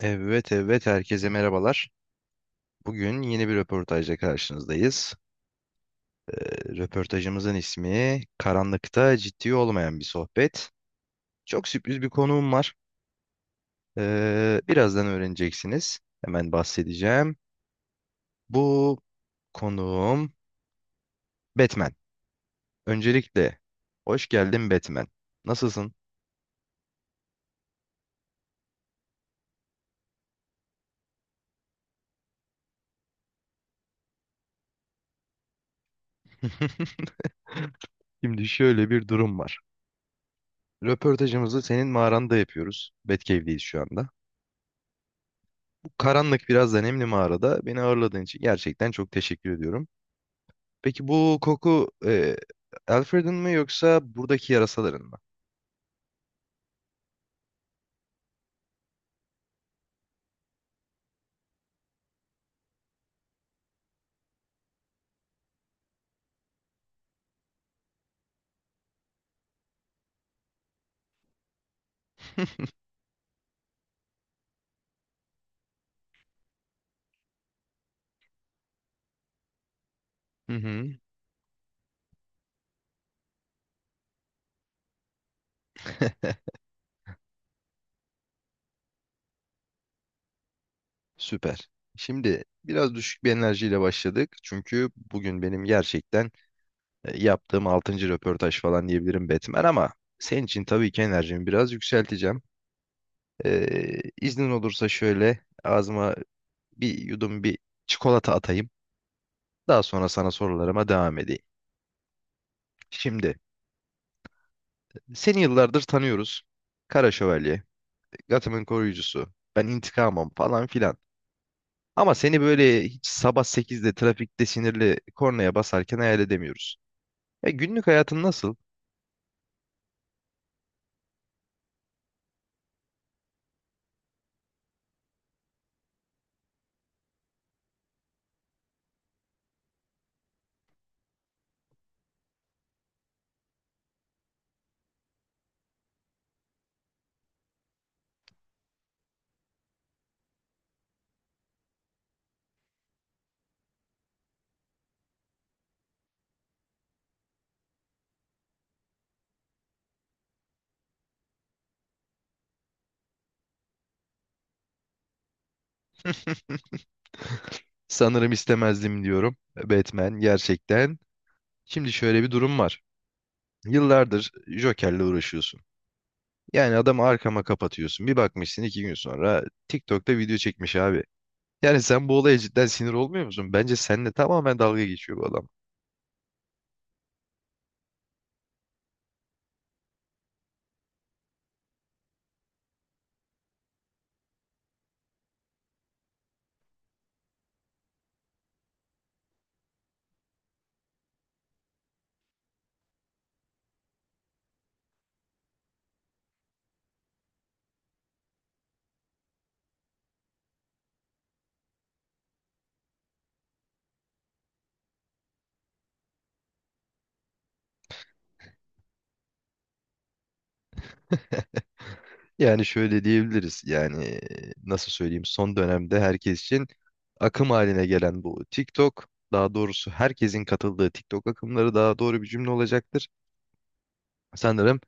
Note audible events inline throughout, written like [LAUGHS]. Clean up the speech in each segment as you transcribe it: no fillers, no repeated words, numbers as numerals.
Evet evet herkese merhabalar. Bugün yeni bir röportajla karşınızdayız. Ee, röportajımızın ismi Karanlıkta Ciddi Olmayan Bir Sohbet. Çok sürpriz bir konuğum var. Birazdan öğreneceksiniz. Hemen bahsedeceğim. Bu konuğum Batman. Öncelikle hoş geldin Batman. Nasılsın? [LAUGHS] Şimdi şöyle bir durum var. Röportajımızı senin mağaranda yapıyoruz. Batcave'deyiz şu anda. Karanlık biraz da nemli mağarada beni ağırladığın için gerçekten çok teşekkür ediyorum. Peki bu koku Alfred'in mi yoksa buradaki yarasaların mı? Hı hı. [LAUGHS] Süper. Şimdi biraz düşük bir enerjiyle başladık. Çünkü bugün benim gerçekten yaptığım altıncı röportaj falan diyebilirim Batman ama senin için tabii ki enerjimi biraz yükselteceğim. İznin olursa şöyle ağzıma bir yudum bir çikolata atayım. Daha sonra sana sorularıma devam edeyim. Şimdi seni yıllardır tanıyoruz. Kara Şövalye, Gotham'ın koruyucusu. Ben intikamım falan filan. Ama seni böyle hiç sabah 8'de trafikte sinirli kornaya basarken hayal edemiyoruz. Günlük hayatın nasıl? Sanırım istemezdim diyorum. Batman gerçekten. Şimdi şöyle bir durum var. Yıllardır Joker'le uğraşıyorsun. Yani adamı arkama kapatıyorsun. Bir bakmışsın 2 gün sonra TikTok'ta video çekmiş abi. Yani sen bu olaya cidden sinir olmuyor musun? Bence seninle tamamen dalga geçiyor bu adam. Yani şöyle diyebiliriz yani nasıl söyleyeyim son dönemde herkes için akım haline gelen bu TikTok daha doğrusu herkesin katıldığı TikTok akımları daha doğru bir cümle olacaktır. Sanırım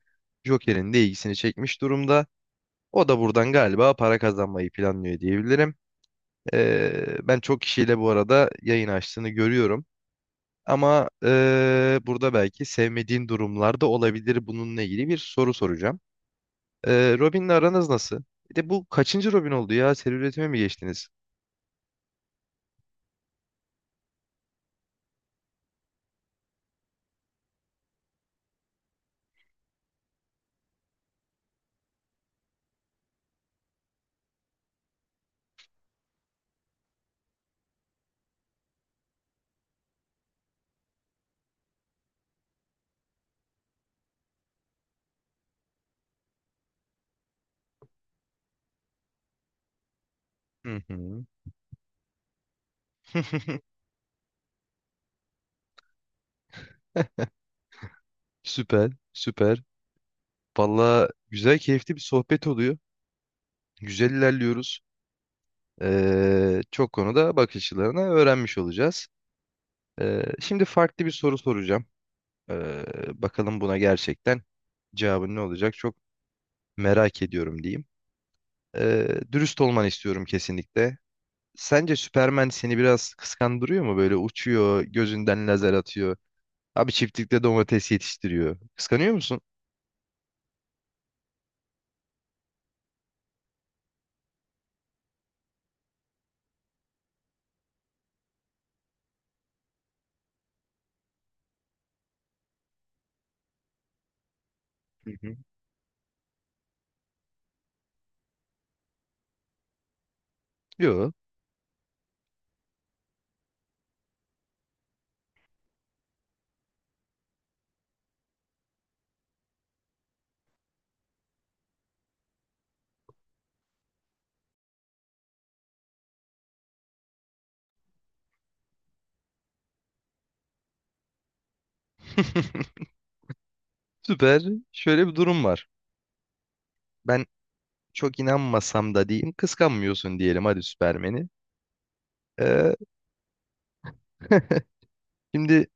Joker'in de ilgisini çekmiş durumda. O da buradan galiba para kazanmayı planlıyor diyebilirim. Ben çok kişiyle bu arada yayın açtığını görüyorum. Ama burada belki sevmediğin durumlar da olabilir. Bununla ilgili bir soru soracağım. Robin'le aranız nasıl? Bir de bu kaçıncı Robin oldu ya? Seri üretime mi geçtiniz? Hı hı. Süper, süper. Valla güzel, keyifli bir sohbet oluyor. Güzel ilerliyoruz. Çok konuda bakış açılarını öğrenmiş olacağız. Şimdi farklı bir soru soracağım. Ee, bakalım buna gerçekten cevabın ne olacak? Çok merak ediyorum diyeyim. Dürüst olmanı istiyorum kesinlikle. Sence Superman seni biraz kıskandırıyor mu? Böyle uçuyor, gözünden lazer atıyor. Abi çiftlikte domates yetiştiriyor. Kıskanıyor musun? Hı hı. Yok. [LAUGHS] Süper. Şöyle bir durum var. Ben çok inanmasam da diyeyim kıskanmıyorsun diyelim hadi Süpermen'i. Ee, [LAUGHS] Şimdi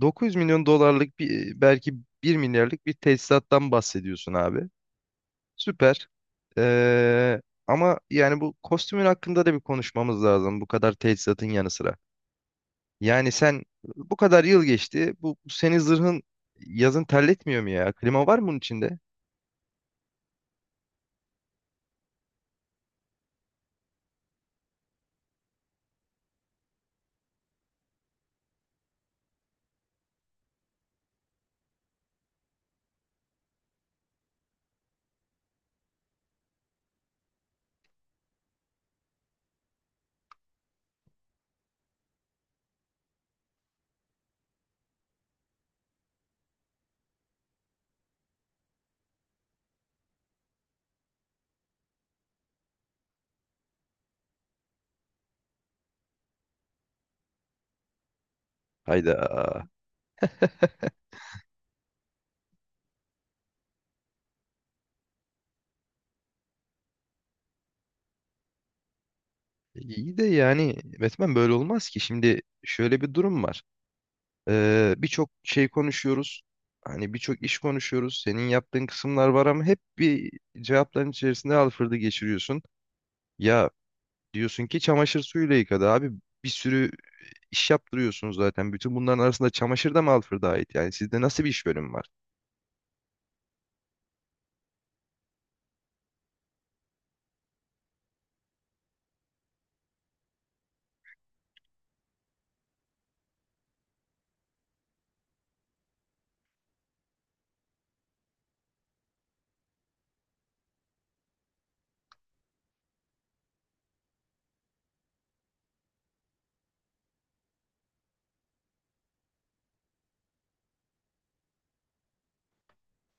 900 milyon dolarlık bir belki bir milyarlık bir tesisattan bahsediyorsun abi. Süper. Ee, ama yani bu kostümün hakkında da bir konuşmamız lazım bu kadar tesisatın yanı sıra. Yani sen bu kadar yıl geçti bu senin zırhın yazın terletmiyor mu ya? Klima var mı bunun içinde? Hayda. İyi de yani Batman böyle olmaz ki. Şimdi şöyle bir durum var. Birçok şey konuşuyoruz. Hani birçok iş konuşuyoruz. Senin yaptığın kısımlar var ama hep bir cevapların içerisinde alfırdı geçiriyorsun. Ya diyorsun ki çamaşır suyuyla yıkadı abi. Bir sürü iş yaptırıyorsunuz zaten. Bütün bunların arasında çamaşır da mı alfırda ait? Yani sizde nasıl bir iş bölümü var?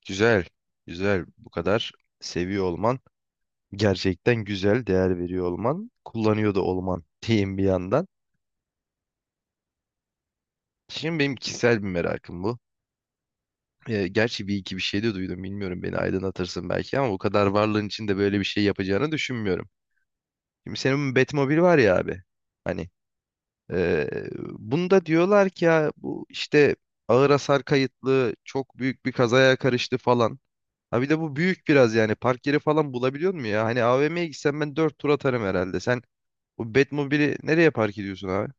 Güzel. Güzel. Bu kadar seviyor olman. Gerçekten güzel. Değer veriyor olman. Kullanıyor da olman diyeyim bir yandan. Şimdi benim kişisel bir merakım bu. Gerçi bir iki bir şey de duydum bilmiyorum beni aydınlatırsın belki ama o kadar varlığın içinde böyle bir şey yapacağını düşünmüyorum. Şimdi senin Batmobil var ya abi. Hani ee, bunda diyorlar ki ya bu işte ağır hasar kayıtlı çok büyük bir kazaya karıştı falan. Ha bir de bu büyük biraz yani park yeri falan bulabiliyor mu ya? Hani AVM'ye gitsem ben dört tur atarım herhalde. Sen o Batmobil'i nereye park ediyorsun abi?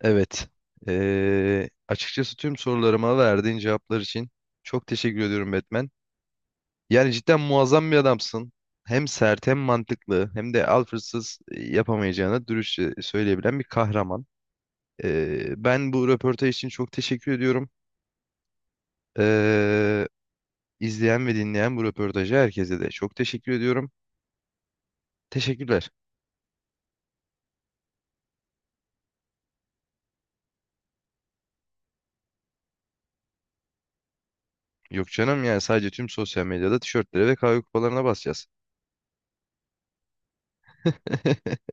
Evet. Açıkçası tüm sorularıma verdiğin cevaplar için çok teşekkür ediyorum Batman. Yani cidden muazzam bir adamsın. Hem sert hem mantıklı hem de Alfred'sız yapamayacağını dürüstçe söyleyebilen bir kahraman. Ben bu röportaj için çok teşekkür ediyorum. Ee, izleyen ve dinleyen bu röportajı herkese de çok teşekkür ediyorum. Teşekkürler. Yok canım yani sadece tüm sosyal medyada tişörtlere ve kahve kupalarına basacağız. [LAUGHS]